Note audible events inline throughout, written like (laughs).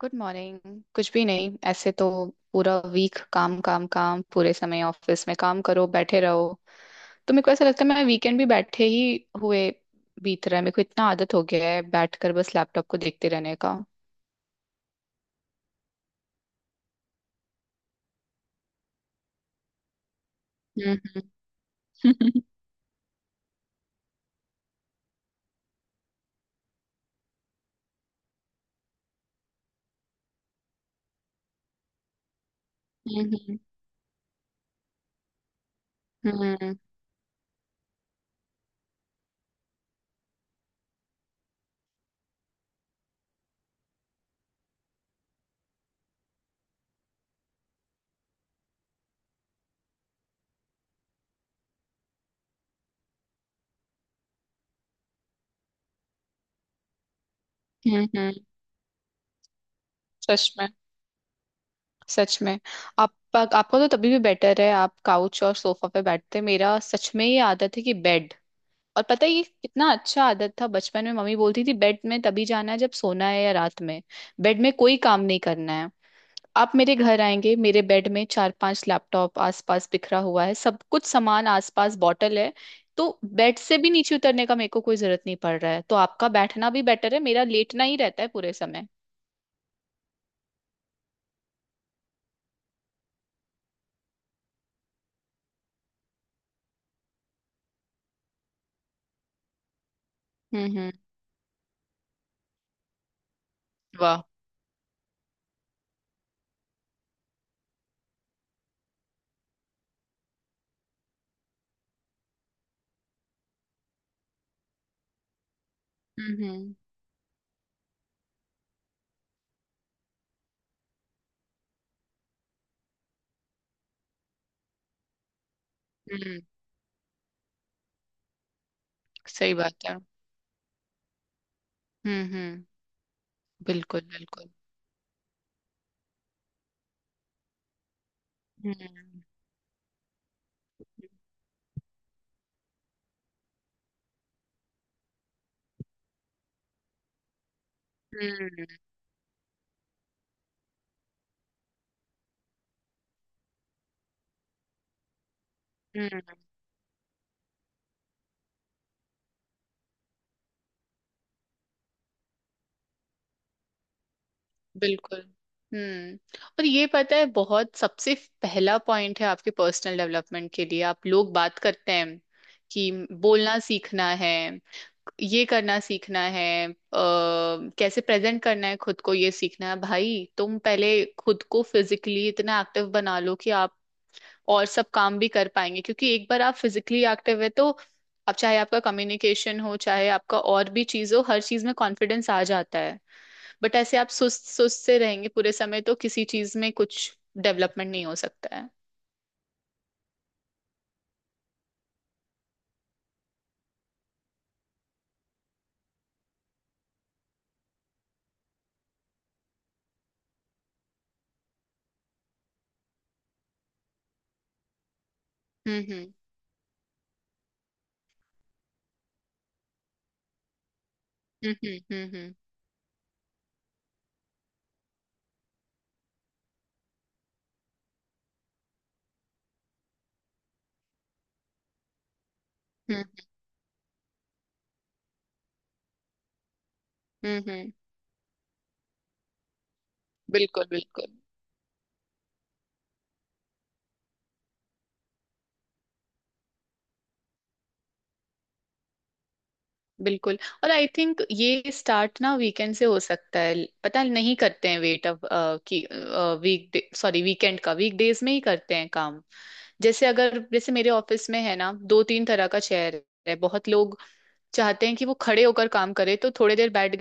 Good morning. कुछ भी नहीं ऐसे तो। पूरा वीक काम काम काम, पूरे समय ऑफिस में काम करो, बैठे रहो। तो मेरे को ऐसा लगता है मैं वीकेंड भी बैठे ही हुए बीत रहा है। मेरे को इतना आदत हो गया है बैठकर बस लैपटॉप को देखते रहने का। हम्म। (laughs) हम्म हम्म। सच में। सच में आप, आपका तो तभी भी बेटर है, आप काउच और सोफा पे बैठते हैं। मेरा सच में ये आदत है कि बेड, और पता है ये कितना अच्छा आदत था, बचपन में मम्मी बोलती थी बेड में तभी जाना है जब सोना है या रात में। बेड में कोई काम नहीं करना है। आप मेरे घर आएंगे, मेरे बेड में चार पांच लैपटॉप आसपास बिखरा हुआ है, सब कुछ सामान आसपास, बॉटल है। तो बेड से भी नीचे उतरने का मेरे को कोई जरूरत नहीं पड़ रहा है। तो आपका बैठना भी बेटर है, मेरा लेटना ही रहता है पूरे समय। हम्म। वाह। हम्म हम्म हम्म। सही बात है। हम्म। बिल्कुल बिल्कुल। हम्म हम्म हम्म। बिल्कुल। हम्म। और ये पता है, बहुत सबसे पहला पॉइंट है आपके पर्सनल डेवलपमेंट के लिए। आप लोग बात करते हैं कि बोलना सीखना है, ये करना सीखना है, कैसे प्रेजेंट करना है खुद को, ये सीखना है। भाई तुम पहले खुद को फिजिकली इतना एक्टिव बना लो कि आप और सब काम भी कर पाएंगे। क्योंकि एक बार आप फिजिकली एक्टिव है तो अब चाहे आपका कम्युनिकेशन हो, चाहे आपका और भी चीज हो, हर चीज में कॉन्फिडेंस आ जाता है। बट ऐसे आप सुस्त सुस्त से रहेंगे पूरे समय तो किसी चीज में कुछ डेवलपमेंट नहीं हो सकता है। हम्म हम्म हम्म हम्म हम्म हम्म। बिल्कुल बिल्कुल बिल्कुल। और आई थिंक ये स्टार्ट ना वीकेंड से हो सकता है। पता है, नहीं करते हैं वेट, अब कि वीकेंड का वीक डेज में ही करते हैं काम। जैसे अगर, जैसे मेरे ऑफिस में है ना, दो तीन तरह का चेयर है। बहुत लोग चाहते हैं कि वो खड़े होकर काम करे, तो थोड़ी देर बैठ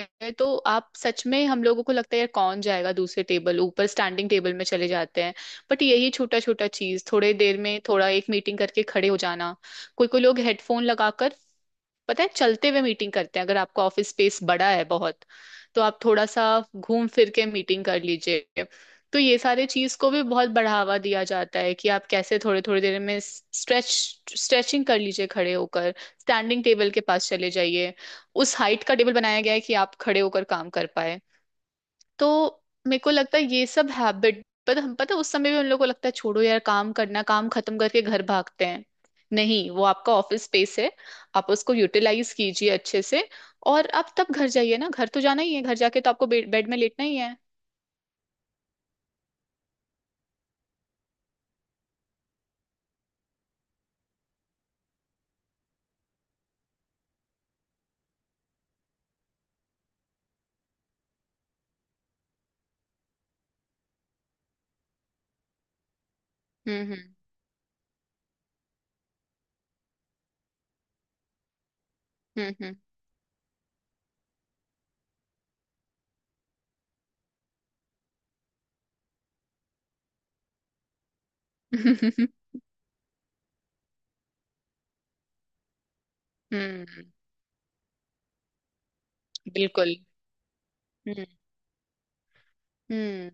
गए तो आप सच में, हम लोगों को लगता है यार कौन जाएगा दूसरे टेबल ऊपर, स्टैंडिंग टेबल में चले जाते हैं। बट यही छोटा छोटा चीज, थोड़ी देर में थोड़ा, एक मीटिंग करके खड़े हो जाना। कोई कोई लोग हेडफोन लगाकर, पता है, चलते हुए मीटिंग करते हैं। अगर आपका ऑफिस स्पेस बड़ा है बहुत तो आप थोड़ा सा घूम फिर के मीटिंग कर लीजिए। तो ये सारे चीज को भी बहुत बढ़ावा दिया जाता है कि आप कैसे थोड़े, थोड़ी देर में स्ट्रेचिंग कर लीजिए, खड़े होकर स्टैंडिंग टेबल के पास चले जाइए। उस हाइट का टेबल बनाया गया है कि आप खड़े होकर काम कर पाए। तो मेरे को लगता है ये सब हैबिट पर, हम पता है, उस समय भी उन लोगों को लगता है छोड़ो यार काम करना, काम खत्म करके घर भागते हैं। नहीं, वो आपका ऑफिस स्पेस है, आप उसको यूटिलाइज कीजिए अच्छे से। और आप तब घर जाइए ना, घर तो जाना ही है, घर जाके तो आपको बेड बेड में लेटना ही है। हम्म हम्म हम्म हम्म। (laughs) हम्म। बिल्कुल। हम्म हम्म।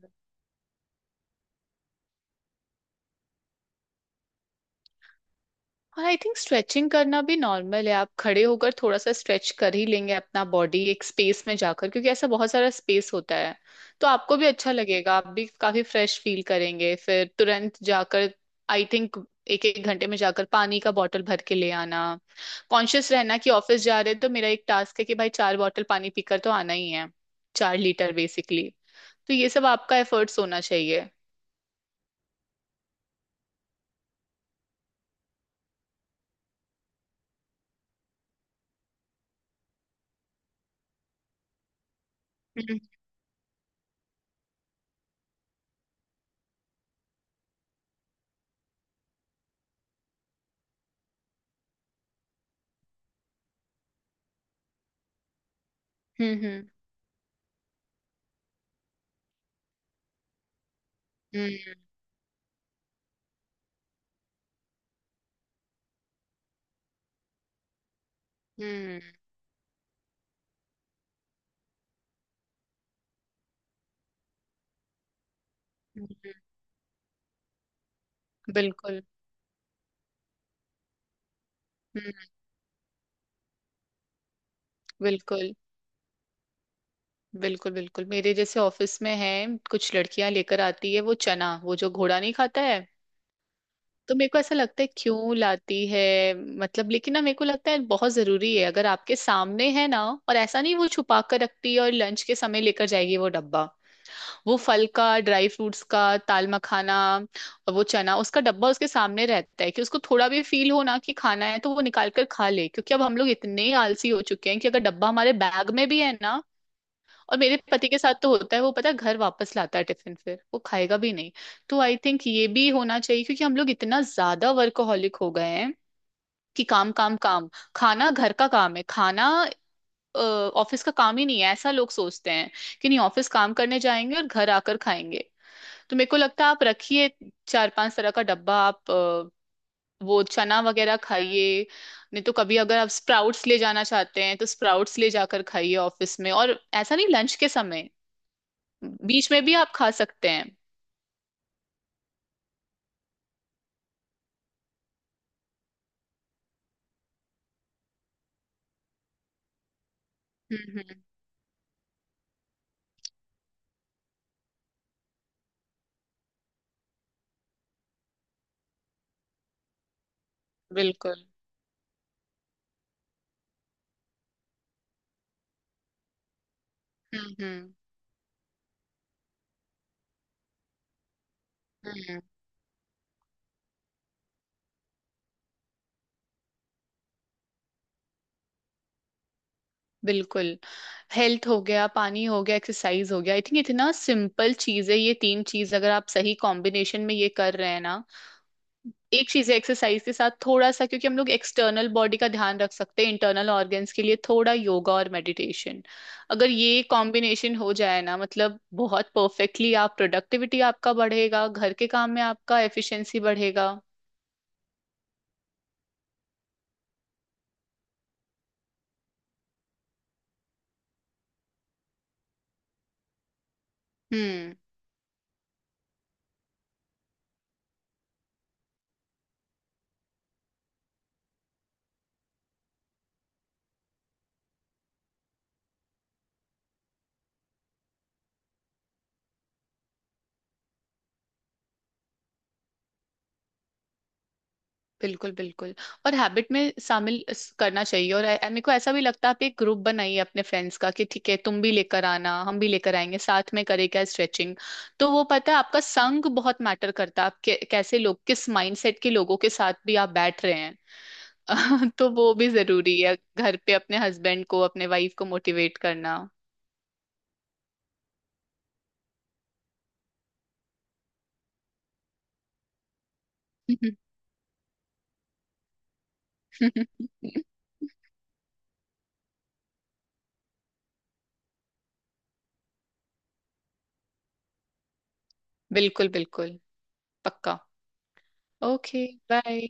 और आई थिंक स्ट्रेचिंग करना भी नॉर्मल है, आप खड़े होकर थोड़ा सा स्ट्रेच कर ही लेंगे अपना बॉडी एक स्पेस में जाकर, क्योंकि ऐसा बहुत सारा स्पेस होता है। तो आपको भी अच्छा लगेगा, आप भी काफी फ्रेश फील करेंगे। फिर तुरंत जाकर, आई थिंक, एक एक घंटे में जाकर पानी का बॉटल भर के ले आना। कॉन्शियस रहना कि ऑफिस जा रहे हैं तो मेरा एक टास्क है कि भाई चार बॉटल पानी पीकर तो आना ही है। चार लीटर बेसिकली। तो ये सब आपका एफर्ट्स होना चाहिए। हम्म हम्म हम्म हम्म हम्म, हम्म, बिल्कुल। हम्म। बिल्कुल बिल्कुल बिल्कुल। मेरे जैसे ऑफिस में है, कुछ लड़कियां लेकर आती है वो चना, वो जो घोड़ा नहीं खाता है। तो मेरे को ऐसा लगता है क्यों लाती है, मतलब। लेकिन ना, मेरे को लगता है बहुत जरूरी है अगर आपके सामने है ना। और ऐसा नहीं वो छुपा कर रखती है और लंच के समय लेकर जाएगी वो डब्बा। वो फल का, ड्राई फ्रूट्स का, ताल मखाना और वो चना, उसका डब्बा उसके सामने रहता है कि उसको थोड़ा भी फील हो ना कि खाना है तो वो निकाल कर खा ले। क्योंकि अब हम लोग इतने आलसी हो चुके हैं कि अगर डब्बा हमारे बैग में भी है ना। और मेरे पति के साथ तो होता है, वो पता है घर वापस लाता है टिफिन, फिर वो खाएगा भी नहीं। तो आई थिंक ये भी होना चाहिए क्योंकि हम लोग इतना ज्यादा वर्कोहॉलिक हो गए हैं कि काम काम काम। खाना घर का काम है, खाना ऑफिस का काम ही नहीं है, ऐसा लोग सोचते हैं कि नहीं, ऑफिस काम करने जाएंगे और घर आकर खाएंगे। तो मेरे को लगता है आप रखिए चार पांच तरह का डब्बा, आप वो चना वगैरह खाइए। नहीं तो कभी अगर आप स्प्राउट्स ले जाना चाहते हैं तो स्प्राउट्स ले जाकर खाइए ऑफिस में, और ऐसा नहीं लंच के समय, बीच में भी आप खा सकते हैं। हम्म। बिल्कुल। हम्म हम्म हम्म। बिल्कुल। हेल्थ हो गया, पानी हो गया, एक्सरसाइज हो गया, आई थिंक इतना सिंपल चीज है। ये तीन चीज अगर आप सही कॉम्बिनेशन में ये कर रहे हैं ना। एक चीज है, एक्सरसाइज के साथ थोड़ा सा, क्योंकि हम लोग एक्सटर्नल बॉडी का ध्यान रख सकते हैं, इंटरनल ऑर्गन्स के लिए थोड़ा योगा और मेडिटेशन। अगर ये कॉम्बिनेशन हो जाए ना, मतलब बहुत परफेक्टली आप, प्रोडक्टिविटी आपका बढ़ेगा, घर के काम में आपका एफिशिएंसी बढ़ेगा। हम्म। बिल्कुल बिल्कुल। और हैबिट में शामिल करना चाहिए। और मेरे को ऐसा भी लगता है आप एक ग्रुप बनाइए अपने फ्रेंड्स का कि ठीक है तुम भी लेकर आना हम भी लेकर आएंगे, साथ में करें क्या स्ट्रेचिंग। तो वो पता है, आपका संग बहुत मैटर करता है, आप कैसे लोग, किस माइंडसेट के लोगों के साथ भी आप बैठ रहे हैं। (laughs) तो वो भी जरूरी है, घर पे अपने हस्बैंड को, अपने वाइफ को मोटिवेट करना। (laughs) बिल्कुल बिल्कुल। पक्का। ओके। बाय।